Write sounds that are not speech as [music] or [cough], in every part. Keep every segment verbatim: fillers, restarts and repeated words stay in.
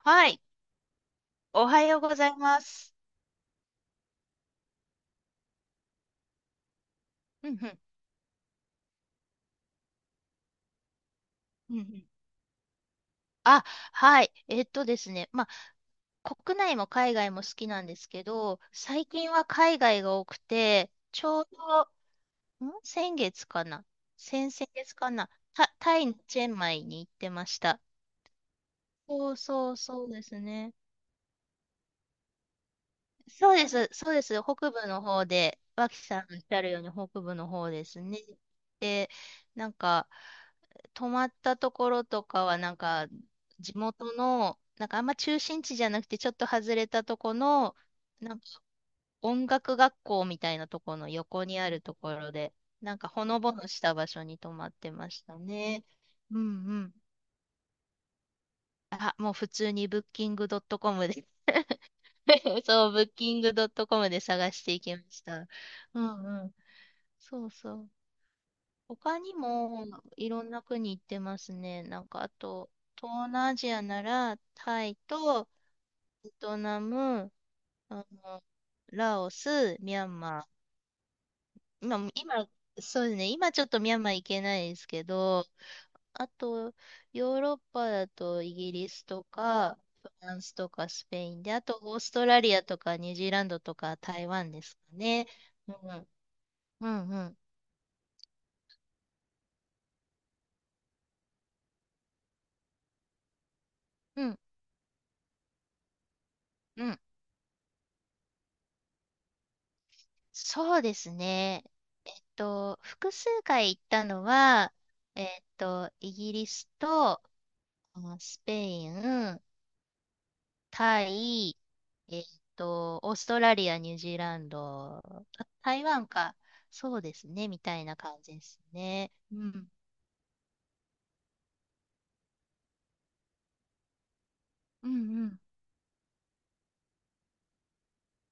はい。おはようございます。うんうん。うんうん。あ、はい。えっとですね。まあ、国内も海外も好きなんですけど、最近は海外が多くて、ちょうど、ん先月かな、先々月かな、タ、タイのチェンマイに行ってました。そうそうそうですね。そうです、そうです。北部の方で、脇さんおっしゃるように北部の方ですね。で、なんか、泊まったところとかは、なんか、地元の、なんかあんま中心地じゃなくて、ちょっと外れたとこの、なんか音楽学校みたいなところの横にあるところで、なんかほのぼのした場所に泊まってましたね。うんうん。あ、もう普通に ブッキングドットコム で、 [laughs] そう、ブッキングドットコムで探していきました。うんうん。そうそう。他にもいろんな国行ってますね。なんかあと、東南アジアならタイとベトナム、あの、ラオス、ミャンマー。今、今、そうですね。今ちょっとミャンマー行けないですけど、あと、ヨーロッパだとイギリスとか、フランスとかスペインで、あとオーストラリアとかニュージーランドとか台湾ですかね。うんうんうん。うん、うん。そうですね。えっと、複数回行ったのは、えっと、イギリスと、あスペイン、タイ、えっと、オーストラリア、ニュージーランド、あ台湾か。そうですね、みたいな感じですね。うん。うんうん。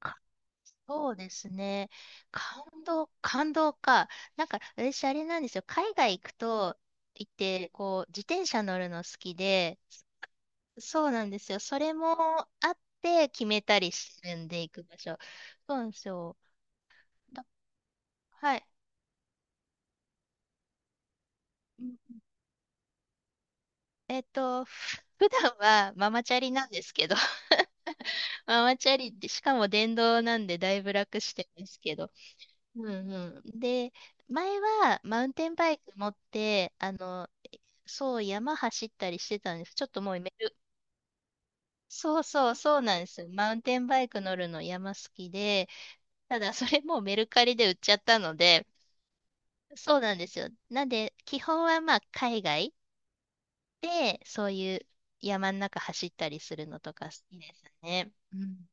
かそうですね。感動、感動か。なんか、私、あれなんですよ。海外行くと、行って、こう、自転車乗るの好きで、そうなんですよ。それもあって決めたりしてるんで行く場所。そうなんですよ。だはい。うん。えっと、[laughs] ふ普段はママチャリなんですけど、[laughs] ママチャリで、しかも電動なんでだいぶ楽してるんですけど。うんうん。で、前はマウンテンバイク持って、あの、そう山走ったりしてたんです。ちょっともうメルそうそうそうなんです。マウンテンバイク乗るの山好きで、ただそれもうメルカリで売っちゃったので、そうなんですよ。なんで、基本はまあ海外で、そういう山の中走ったりするのとか好きですね。うん。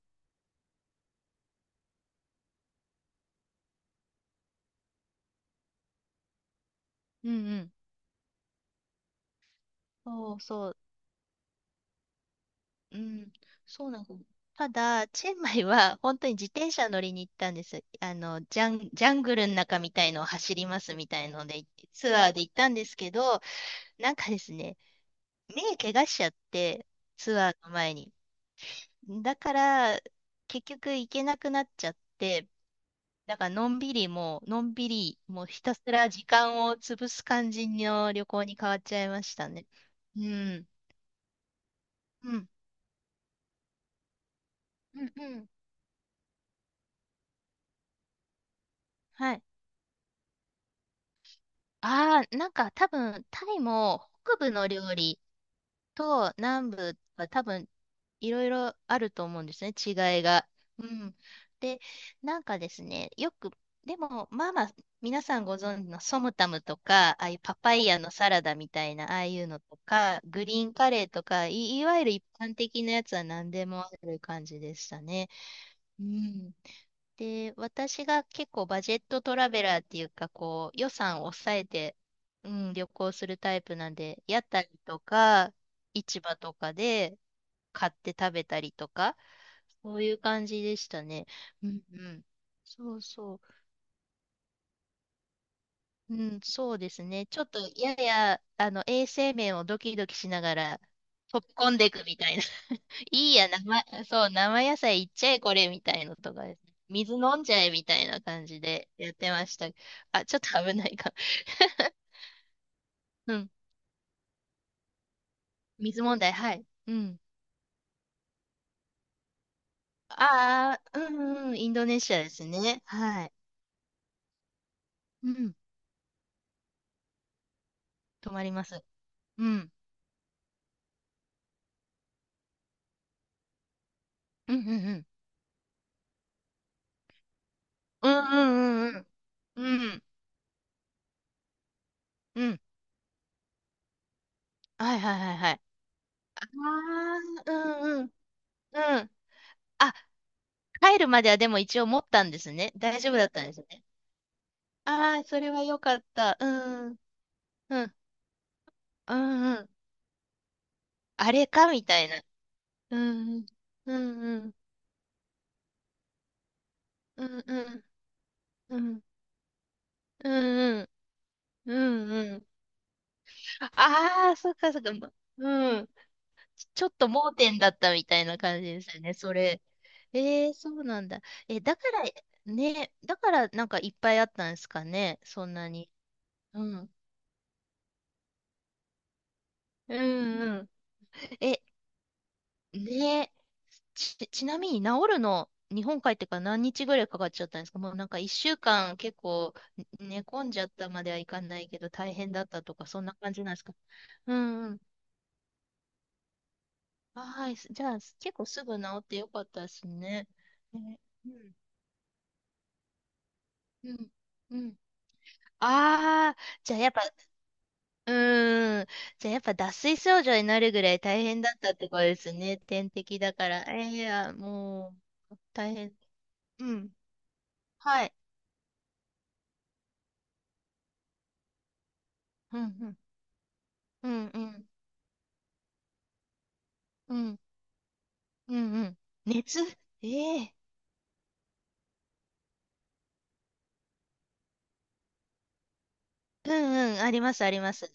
うんうん。そうそう。うん。そうなんです。ただ、チェンマイは本当に自転車乗りに行ったんです。あの、ジャン、ジャングルの中みたいのを走りますみたいので、ツアーで行ったんですけど、なんかですね、目怪我しちゃって、ツアーの前に。だから、結局行けなくなっちゃって、だから、のんびりもう、のんびり、もうひたすら時間を潰す感じの旅行に変わっちゃいましたね。うん。うん。うんうん。はい。ああ、なんか多分、タイも北部の料理、と南部は多分いろいろあると思うんですね、違いが。うん。で、なんかですね、よく、でも、まあまあ、皆さんご存知のソムタムとか、ああいうパパイヤのサラダみたいな、ああいうのとか、グリーンカレーとか、い、いわゆる一般的なやつは何でもある感じでしたね。うん。で、私が結構バジェットトラベラーっていうか、こう、予算を抑えて、うん、旅行するタイプなんで、屋台とか、市場とかで買って食べたりとか、そういう感じでしたね。うんうん。そうそう。うん、そうですね。ちょっと、やや、あの、衛生面をドキドキしながら、飛び込んでいくみたいな。いいや、生、そう、生野菜いっちゃえ、これ、みたいのとかですね。水飲んじゃえ、みたいな感じでやってました。あ、ちょっと危ないか。[laughs] うん。水問題、はい。うん。ああ、うんうん、インドネシアですね。はい。うん。止まります。うん。うん、うん、うん。うん、うん、うんうん。うん、うん。はい、はい、はい、はい。ああ、うん、うん、うん。あ、帰るまではでも一応持ったんですね。大丈夫だったんですね。ああ、それはよかった。うん。うんうんうん。あれかみたいな。うんうん。うんうん。うんうん。うんうん。うんうん。ああー、そっかそっか。まうん。ちょっと盲点だったみたいな感じですよね、それ。えー、そうなんだ。え、だから、ね、だからなんかいっぱいあったんですかね、そんなに。うん。うんうん。え、ねえ。ち、ちなみに治るの、日本帰ってから何日ぐらいかかっちゃったんですか？もうなんかいっしゅうかん結構ね、寝込んじゃったまではいかないけど大変だったとかそんな感じなんですか？うんうん。あ、はい。じゃあ結構すぐ治ってよかったですね。ね、うん。うん。うん。ああ、じゃあやっぱ、うーん。じゃあやっぱ脱水症状になるぐらい大変だったってことですね。点滴だから。えー、いや、もう、大変。うん。はい。うんうんうんうん。うん。うんうん。熱、ええ、うんうん。あります、あります。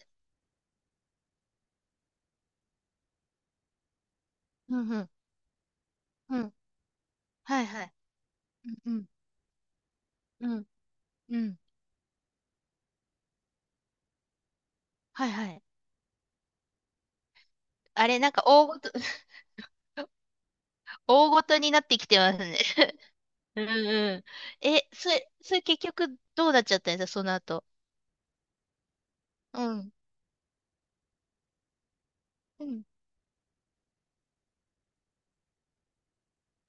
うんうん。うん。はいはい。うんうん。うん。うん。はいはい。あれ、なんか大ごと、[laughs] 大ごとになってきてますね。[laughs] うんうん。[laughs] え、それ、それ結局どうなっちゃったんですか、その後？うん。うん。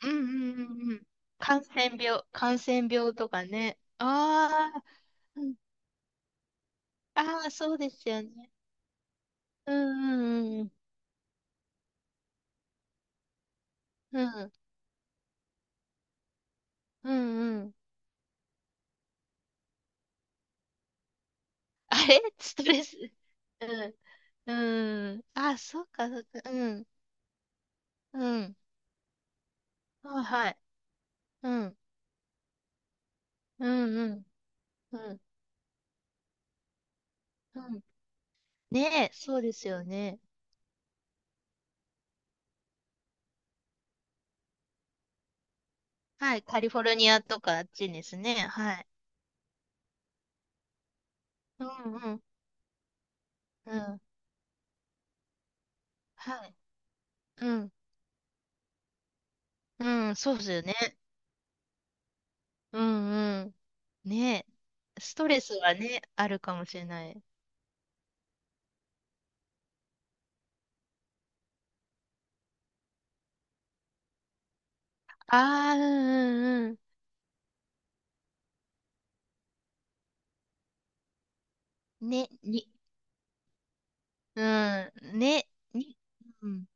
うんうんうんうん。感染病、感染病とかね。ああ、うん。ああ、そうですよね。うんうんうん。うん。うんうん。 [laughs] あれストレス。うん。うん。あ、そうか、そうか。うん。うん。はい、はい。うん。うん、うん。うん。うん。ねえ、そうですよね。はい。カリフォルニアとかあっちですね。はい。うん、うん。うん。はい。うん。うん。そうですよね。うん、うん。ねえ。ストレスはね、あるかもしれない。ああ、うん、うん、うん。ね、に、うん。ね、に、うん。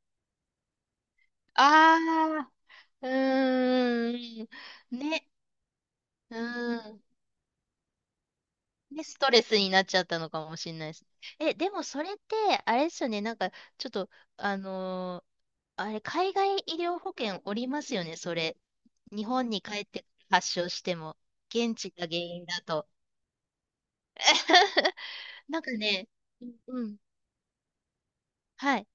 ああ、うーん。ね。うーん。で、ストレスになっちゃったのかもしれないです。え、でもそれって、あれですよね。なんか、ちょっと、あのーあれ、海外医療保険おりますよね、それ。日本に帰って発症しても、現地が原因だと。[laughs] なんかね、うんうん。はい。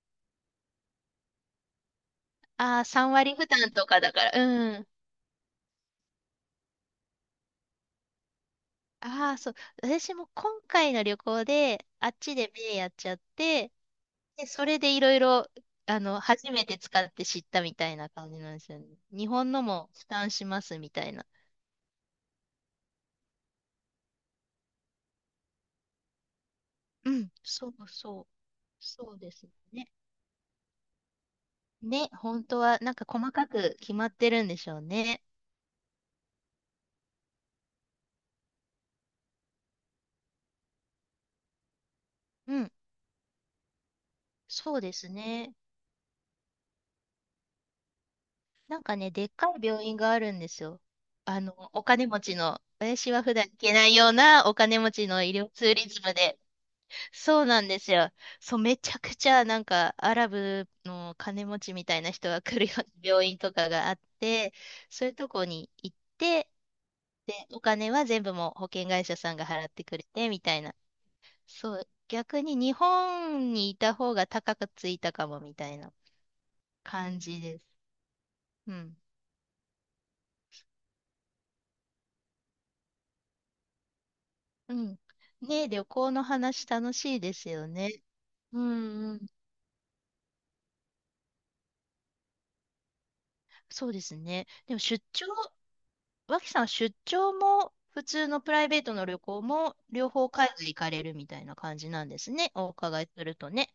ああ、さん割負担とかだから。うん。ああ、そう。私も今回の旅行で、あっちで目やっちゃって、で、それでいろいろ、あの、初めて使って知ったみたいな感じなんですよね。日本のも負担しますみたいな。うん、そうそう、そうですね。ね、本当はなんか細かく決まってるんでしょうね。うん、そうですね。なんかね、でっかい病院があるんですよ。あの、お金持ちの、私は普段行けないようなお金持ちの医療ツーリズムで、そうなんですよ。そう、めちゃくちゃなんかアラブの金持ちみたいな人が来るような病院とかがあって、そういうとこに行って、で、お金は全部もう保険会社さんが払ってくれてみたいな。そう、逆に日本にいた方が高くついたかもみたいな感じです。うん。うん。ねえ、旅行の話楽しいですよね。うんうん。そうですね。でも出張、脇さん、出張も普通のプライベートの旅行も両方海外行かれるみたいな感じなんですね。お伺いするとね。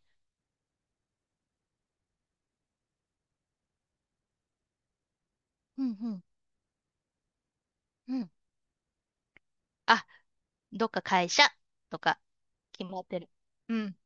うんうんうん。あ、どっか会社とか決まってる。うん